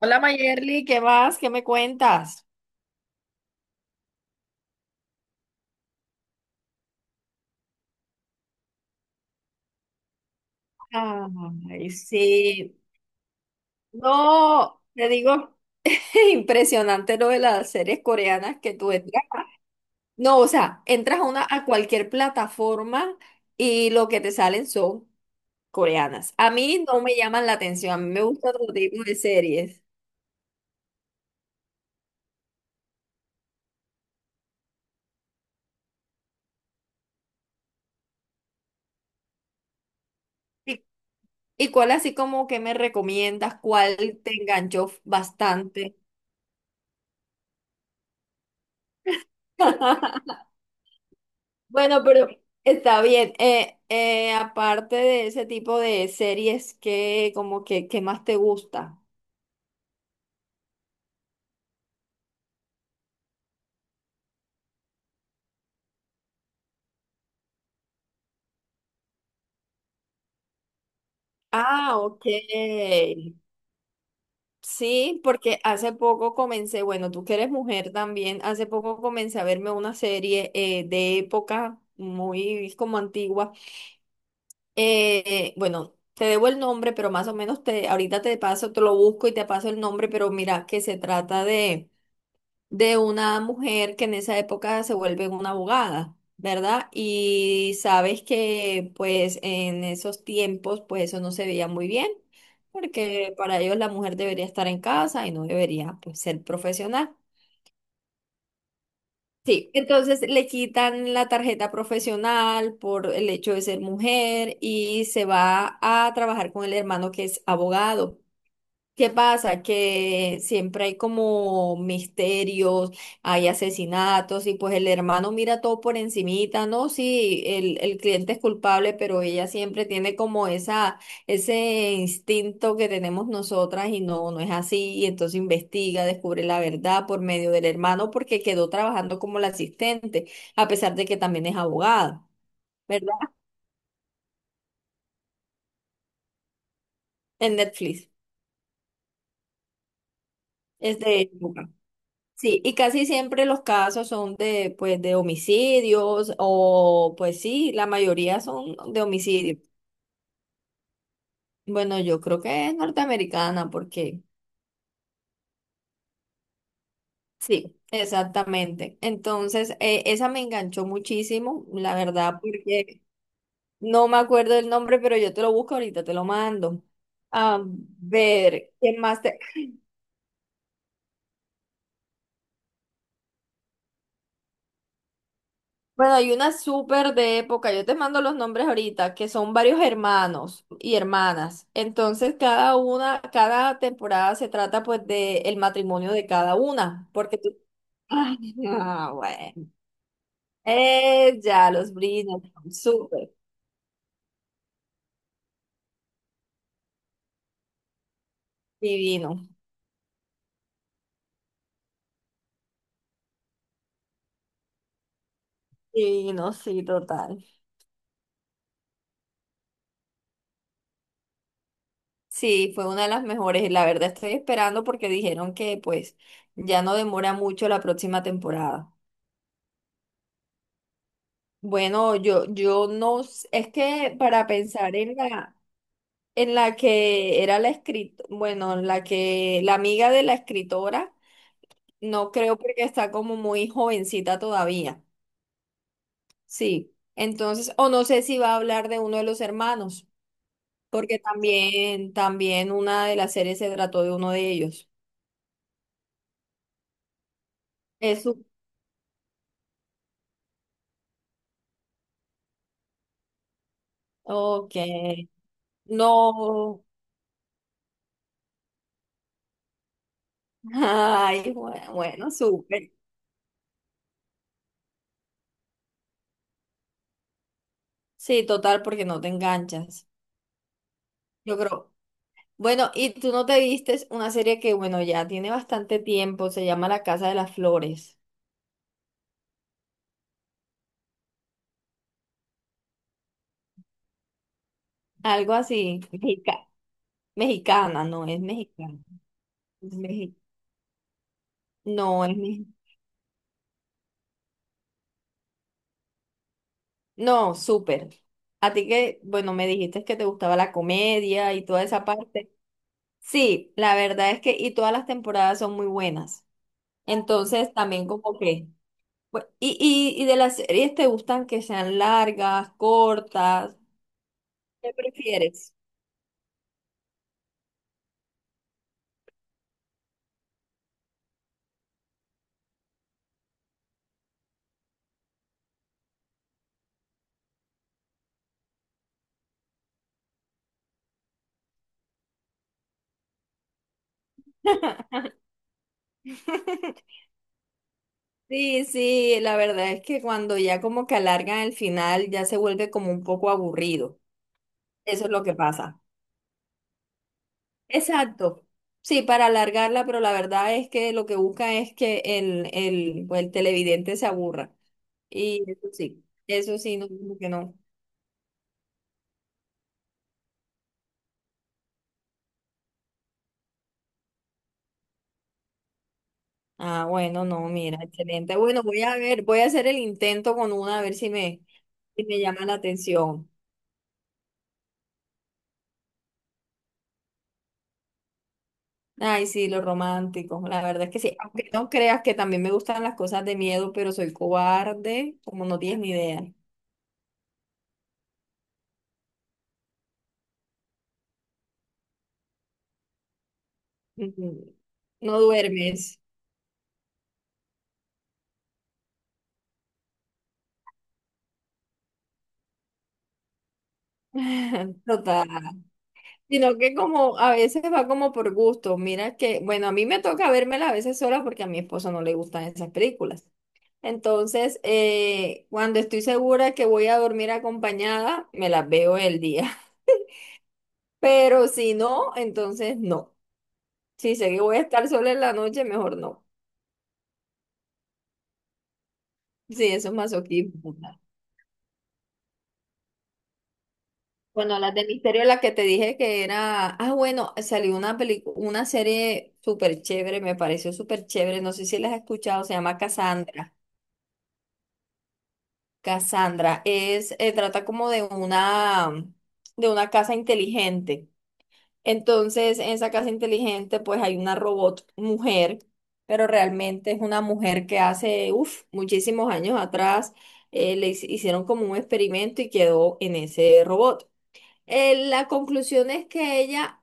Hola Mayerly, ¿qué más? ¿Qué me cuentas? Ay, sí. No, te digo, impresionante lo de las series coreanas que tú entras. No, o sea, entras a una, a cualquier plataforma y lo que te salen son coreanas. A mí no me llaman la atención, a mí me gusta otro tipo de series. ¿Y, y cuál así como que me recomiendas? ¿Cuál te enganchó bastante? Bueno, pero está bien. Aparte de ese tipo de series, ¿qué, como que, qué más te gusta? Ah, ok. Sí, porque hace poco comencé, bueno, tú que eres mujer también, hace poco comencé a verme una serie de época muy como antigua. Bueno, te debo el nombre, pero más o menos te, ahorita te paso, te lo busco y te paso el nombre, pero mira que se trata de una mujer que en esa época se vuelve una abogada, ¿verdad? Y sabes que pues en esos tiempos pues eso no se veía muy bien, porque para ellos la mujer debería estar en casa y no debería pues ser profesional. Sí, entonces le quitan la tarjeta profesional por el hecho de ser mujer y se va a trabajar con el hermano que es abogado. ¿Qué pasa? Que siempre hay como misterios, hay asesinatos y pues el hermano mira todo por encimita, ¿no? Sí, el cliente es culpable, pero ella siempre tiene como esa, ese instinto que tenemos nosotras y no, no es así. Y entonces investiga, descubre la verdad por medio del hermano porque quedó trabajando como la asistente, a pesar de que también es abogada, ¿verdad? En Netflix. Es de época. Sí, y casi siempre los casos son de, pues, de homicidios o, pues sí, la mayoría son de homicidio. Bueno, yo creo que es norteamericana porque sí, exactamente. Entonces, esa me enganchó muchísimo, la verdad, porque no me acuerdo el nombre, pero yo te lo busco ahorita, te lo mando. A ver, ¿qué más te... Bueno, hay una súper de época, yo te mando los nombres ahorita, que son varios hermanos y hermanas. Entonces, cada una, cada temporada se trata pues de el matrimonio de cada una, porque tú... Ay, no, bueno. Ya, los Bridgerton, súper, divino, divino, sí, total. Sí, fue una de las mejores. La verdad estoy esperando porque dijeron que pues ya no demora mucho la próxima temporada. Bueno, yo no, es que para pensar en en la que era la escritora, bueno, la amiga de la escritora, no creo porque está como muy jovencita todavía. Sí. Entonces, o no sé si va a hablar de uno de los hermanos, porque también, también una de las series se trató de uno de ellos. Eso, ok. No. Ay, bueno, bueno, súper. Sí, total, porque no te enganchas. Yo creo, bueno, y tú no te vistes una serie que, bueno, ya tiene bastante tiempo, se llama La Casa de las Flores, algo así, mexicana, no es mexicana, es mexi- no es mexi- no, súper. A ti que, bueno, me dijiste que te gustaba la comedia y toda esa parte. Sí, la verdad es que, y todas las temporadas son muy buenas. Entonces, también como que, bu- y, y de las series te gustan que sean largas, cortas, ¿qué prefieres? Sí, sí, la verdad es que cuando ya como que alargan el final, ya se vuelve como un poco aburrido. Eso es lo que pasa. Exacto. Sí, para alargarla, pero la verdad es que lo que buscan es que pues, el televidente se aburra. Y eso sí, no, como que no. Ah, bueno, no, mira, excelente. Bueno, voy a ver, voy a hacer el intento con una, a ver si me llama la atención. Ay, sí, los románticos, la verdad es que sí. Aunque no creas que también me gustan las cosas de miedo, pero soy cobarde, como no tienes ni idea. Ujú. No duermes. Total. Sino que como a veces va como por gusto. Mira que, bueno, a mí me toca vérmela a veces sola porque a mi esposo no le gustan esas películas. Entonces, cuando estoy segura que voy a dormir acompañada, me las veo el día. Pero si no, entonces no. Si sé que voy a estar sola en la noche, mejor no. Sí, eso es masoquismo. Bueno, las de misterio, la que te dije que era, ah, bueno, salió una película, una serie súper chévere, me pareció súper chévere, no sé si las has escuchado, se llama Cassandra. Cassandra es, trata como de una casa inteligente. Entonces, en esa casa inteligente, pues hay una robot mujer, pero realmente es una mujer que hace, uff, muchísimos años atrás, hicieron como un experimento y quedó en ese robot. La conclusión es que ella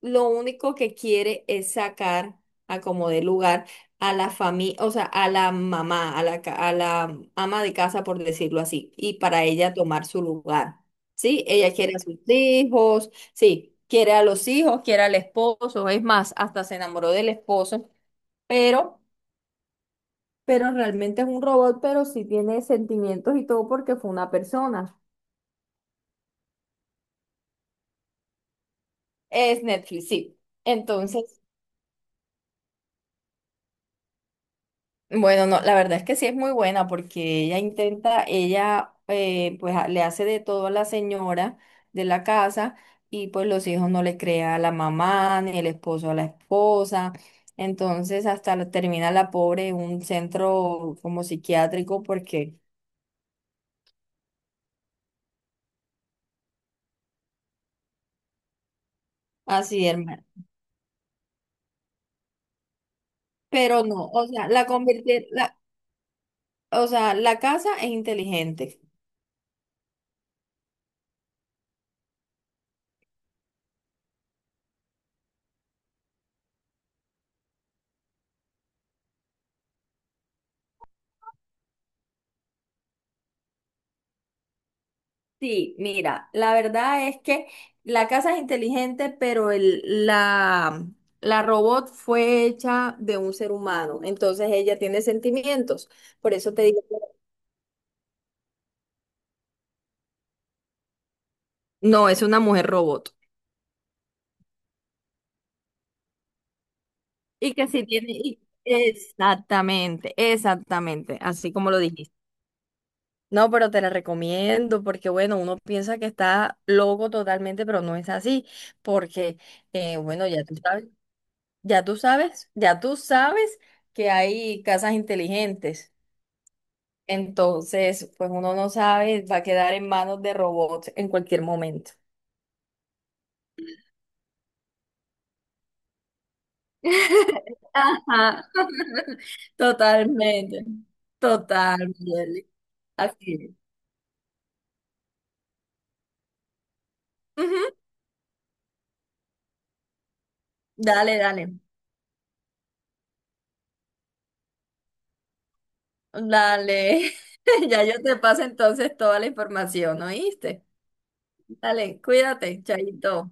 lo único que quiere es sacar a como de lugar a la familia, o sea, a la mamá, a la ama de casa, por decirlo así, y para ella tomar su lugar. Sí, ella quiere a sus hijos, sí, quiere a los hijos, quiere al esposo, es más, hasta se enamoró del esposo, pero, pero realmente es un robot, pero sí tiene sentimientos y todo porque fue una persona. Es Netflix, sí. Entonces bueno, no, la verdad es que sí es muy buena porque ella intenta, ella pues le hace de todo a la señora de la casa y pues los hijos no le crea a la mamá ni el esposo a la esposa. Entonces termina la pobre en un centro como psiquiátrico porque así, hermano. Pero no, o sea, o sea, la casa es inteligente. Sí, mira, la verdad es que la casa es inteligente, pero la robot fue hecha de un ser humano, entonces ella tiene sentimientos. Por eso te digo, que no, es una mujer robot. Y que sí tiene, exactamente, exactamente, así como lo dijiste. No, pero te la recomiendo porque, bueno, uno piensa que está loco totalmente, pero no es así, porque, bueno, ya tú sabes. Ya tú sabes, ya tú sabes que hay casas inteligentes. Entonces, pues uno no sabe, va a quedar en manos de robots en cualquier momento. Ajá. Totalmente. Total, Mieli. Así es. Ujú. Dale, dale. Dale. Ya yo te paso entonces toda la información, ¿oíste? Dale, cuídate, chaito.